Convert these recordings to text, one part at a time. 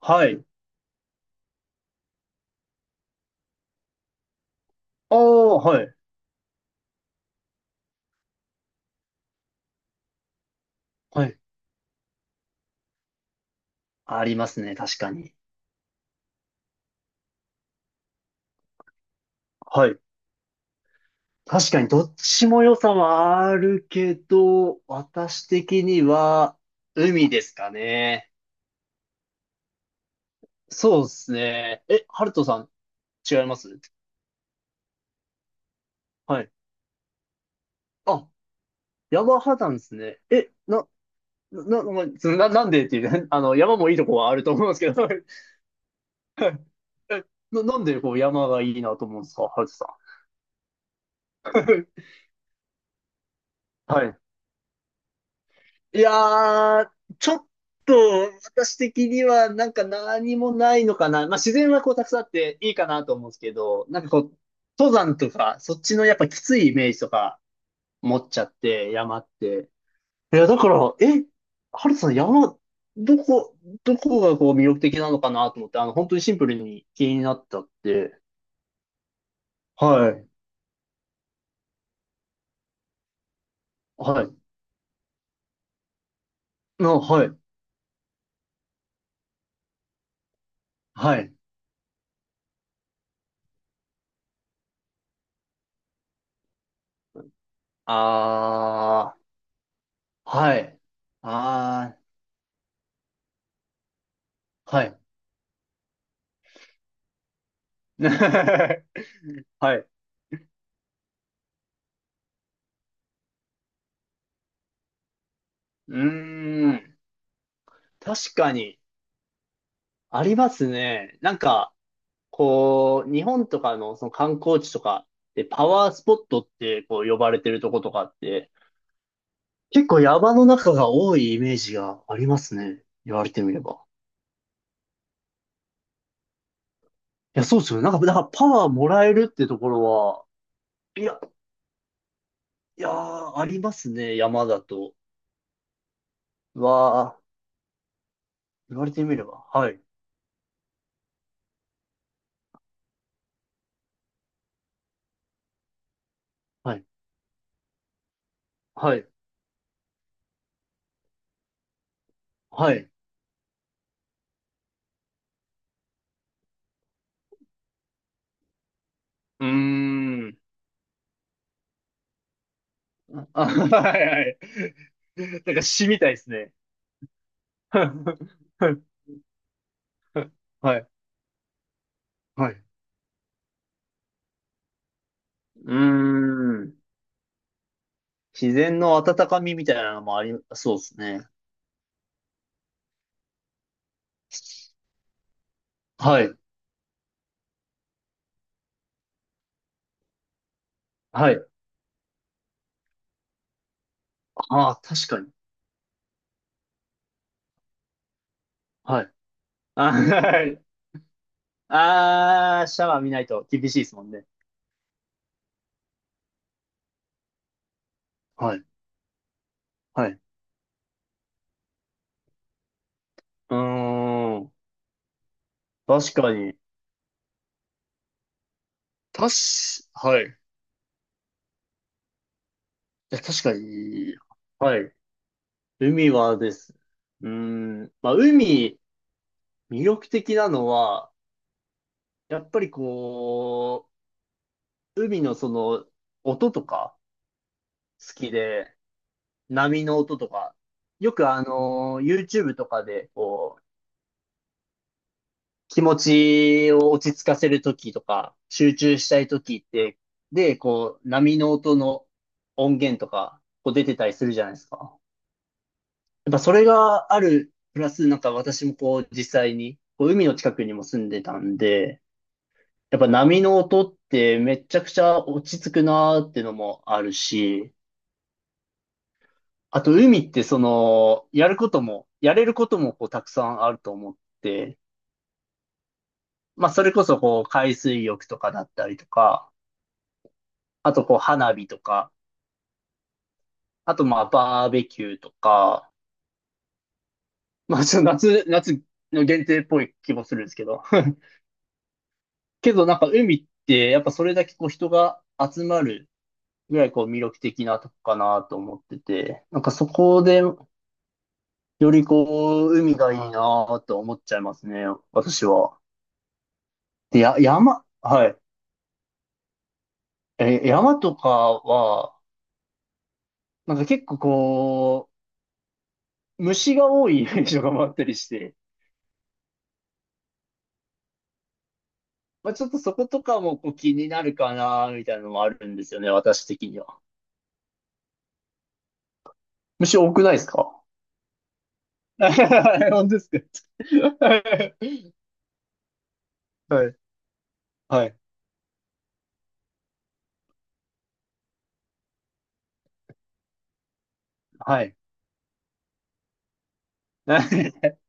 はい。ああ、はい。はい。ありますね、確かに。はい。確かにどっちも良さはあるけど、私的には海ですかね。そうですね。え、ハルトさん、違いますはい。あ、山派なんですね。え、な、な、な、な、なんでっていうね、あの、山もいいとこはあると思うんですけど、えなんでこう山がいいなと思うんですか、ハルトさん。はい。いやー、ちょっと私的にはなんか何もないのかな。まあ自然はこうたくさんあっていいかなと思うんですけど、なんかこう、登山とか、そっちのやっぱきついイメージとか持っちゃって、山って。いや、だから、え、ハルトさん山、どこ、どこがこう魅力的なのかなと思って、あの、本当にシンプルに気になったって。はい。はい。の、はい。はい。あー、はい。あー、はい。はい。うーん。確かに、ありますね。なんか、こう、日本とかのその観光地とかでパワースポットってこう呼ばれてるとことかって、結構山の中が多いイメージがありますね。言われてみれば。いや、そうですよね。なんか、だからパワーもらえるってところは、いや、いやー、ありますね。山だと。うわあ、言われてみれば。はい。はい。はい。はい。うーん。あ、はい、はい。なんか詩みたいですね。はい。はい。うーん。自然の温かみみたいなのもあり、そうですね。はい。はい。ああ、確かに。はい。あー、はいあーシャワー見ないと厳しいですもんね。はい。はい。うーん。確かに。たし、はい。いや確かに。はい。海はです。うーん。まあ、海、魅力的なのは、やっぱりこう、海のその、音とか、好きで、波の音とか、よくあのー、YouTube とかで、こう、気持ちを落ち着かせるときとか、集中したいときって、で、こう、波の音の音源とか、こう出てたりするじゃないですか。やっぱそれがある、プラスなんか私もこう、実際に、こう、海の近くにも住んでたんで、やっぱ波の音ってめちゃくちゃ落ち着くなーってのもあるし、あと、海ってその、やることも、やれることもこうたくさんあると思って、まあ、それこそこう、海水浴とかだったりとか、あとこう、花火とか、あとまあ、バーベキューとか、まあ、ちょっと夏の限定っぽい気もするんですけど。けどなんか海ってやっぱそれだけこう人が集まるぐらいこう魅力的なとこかなと思ってて、なんかそこでよりこう海がいいなと思っちゃいますね、私は。で、や、山、はい。え、山とかは、なんか結構こう、虫が多い イメージが回ったりして、まあ、ちょっとそことかもこう気になるかな、みたいなのもあるんですよね、私的には。虫多くないですか。 本当ですか。 はい。はい。はい。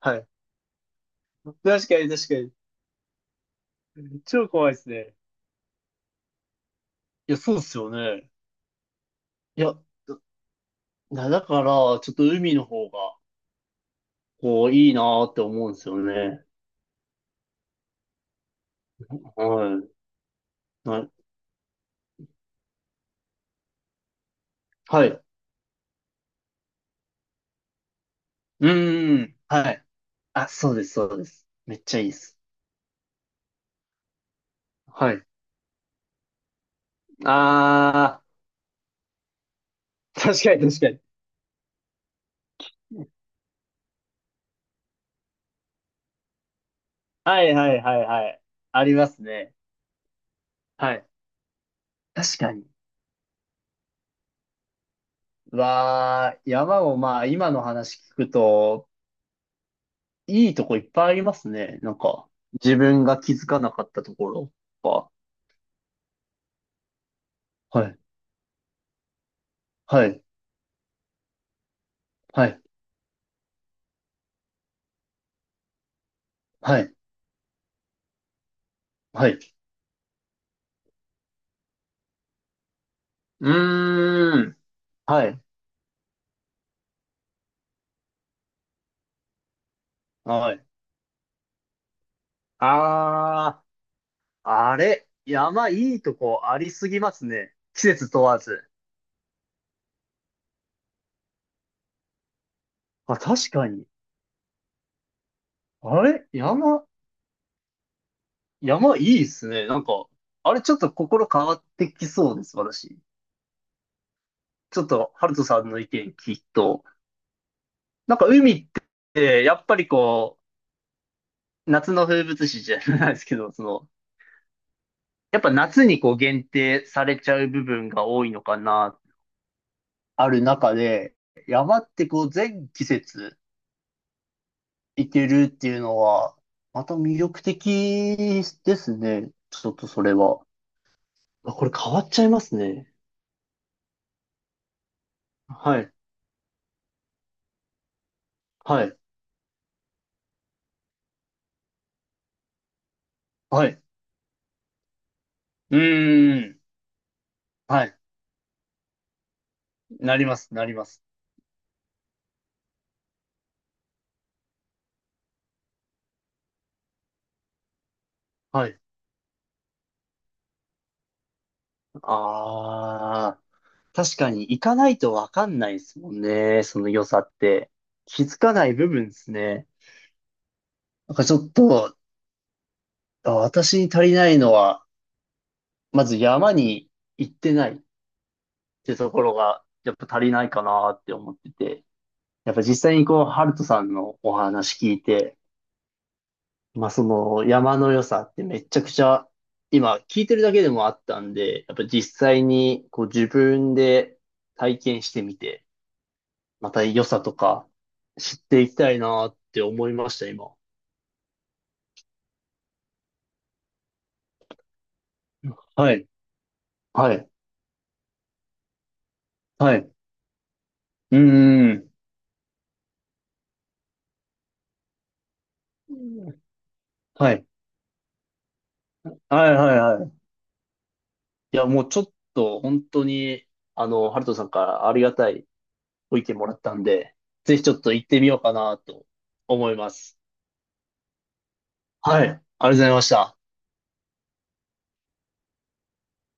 はい。確かに確かに。超怖いですね。いや、そうっすよね。いや、だから、ちょっと海の方が、こう、いいなーって思うんですよね。はい。はい。はいうーん。はい。あ、そうです、そうです。めっちゃいいです。はい。あー、確かに確かに。はいはいはいはい。ありますね。はい。確かに。わー、山をまあ今の話聞くと、いいとこいっぱいありますね。なんか、自分が気づかなかったところとか。はい。はい。はい。はい。はい。うーん。はい。はい。あー。あれ、山いいとこありすぎますね。季節問わず。あ、確かに。あれ、山いいっすね。なんか、あれちょっと心変わってきそうです、私。ちょっと、ハルトさんの意見聞くと。なんか海って、やっぱりこう、夏の風物詩じゃないですけど、その、やっぱ夏にこう限定されちゃう部分が多いのかな、ある中で、山ってこう全季節、いけるっていうのは、また魅力的ですね。ちょっとそれは。あこれ変わっちゃいますね。はい。はい。はい。うーん。はい。なります。なります。はい。ああ、確かに行かないとわかんないですもんね。その良さって。気づかない部分ですね。なんかちょっと、あ私に足りないのは、まず山に行ってないってところが、やっぱ足りないかなって思ってて。やっぱ実際にこう、ハルトさんのお話聞いて、まあその山の良さってめちゃくちゃ、今聞いてるだけでもあったんで、やっぱ実際にこう自分で体験してみて、また良さとか知っていきたいなって思いました、今。はい、はい、はい。うーん。はい。はいはいはい。いや、もうちょっと本当に、あの、ハルトさんからありがたいご意見もらったんで、ぜひちょっと行ってみようかなと思います。はい。ありがとうございました。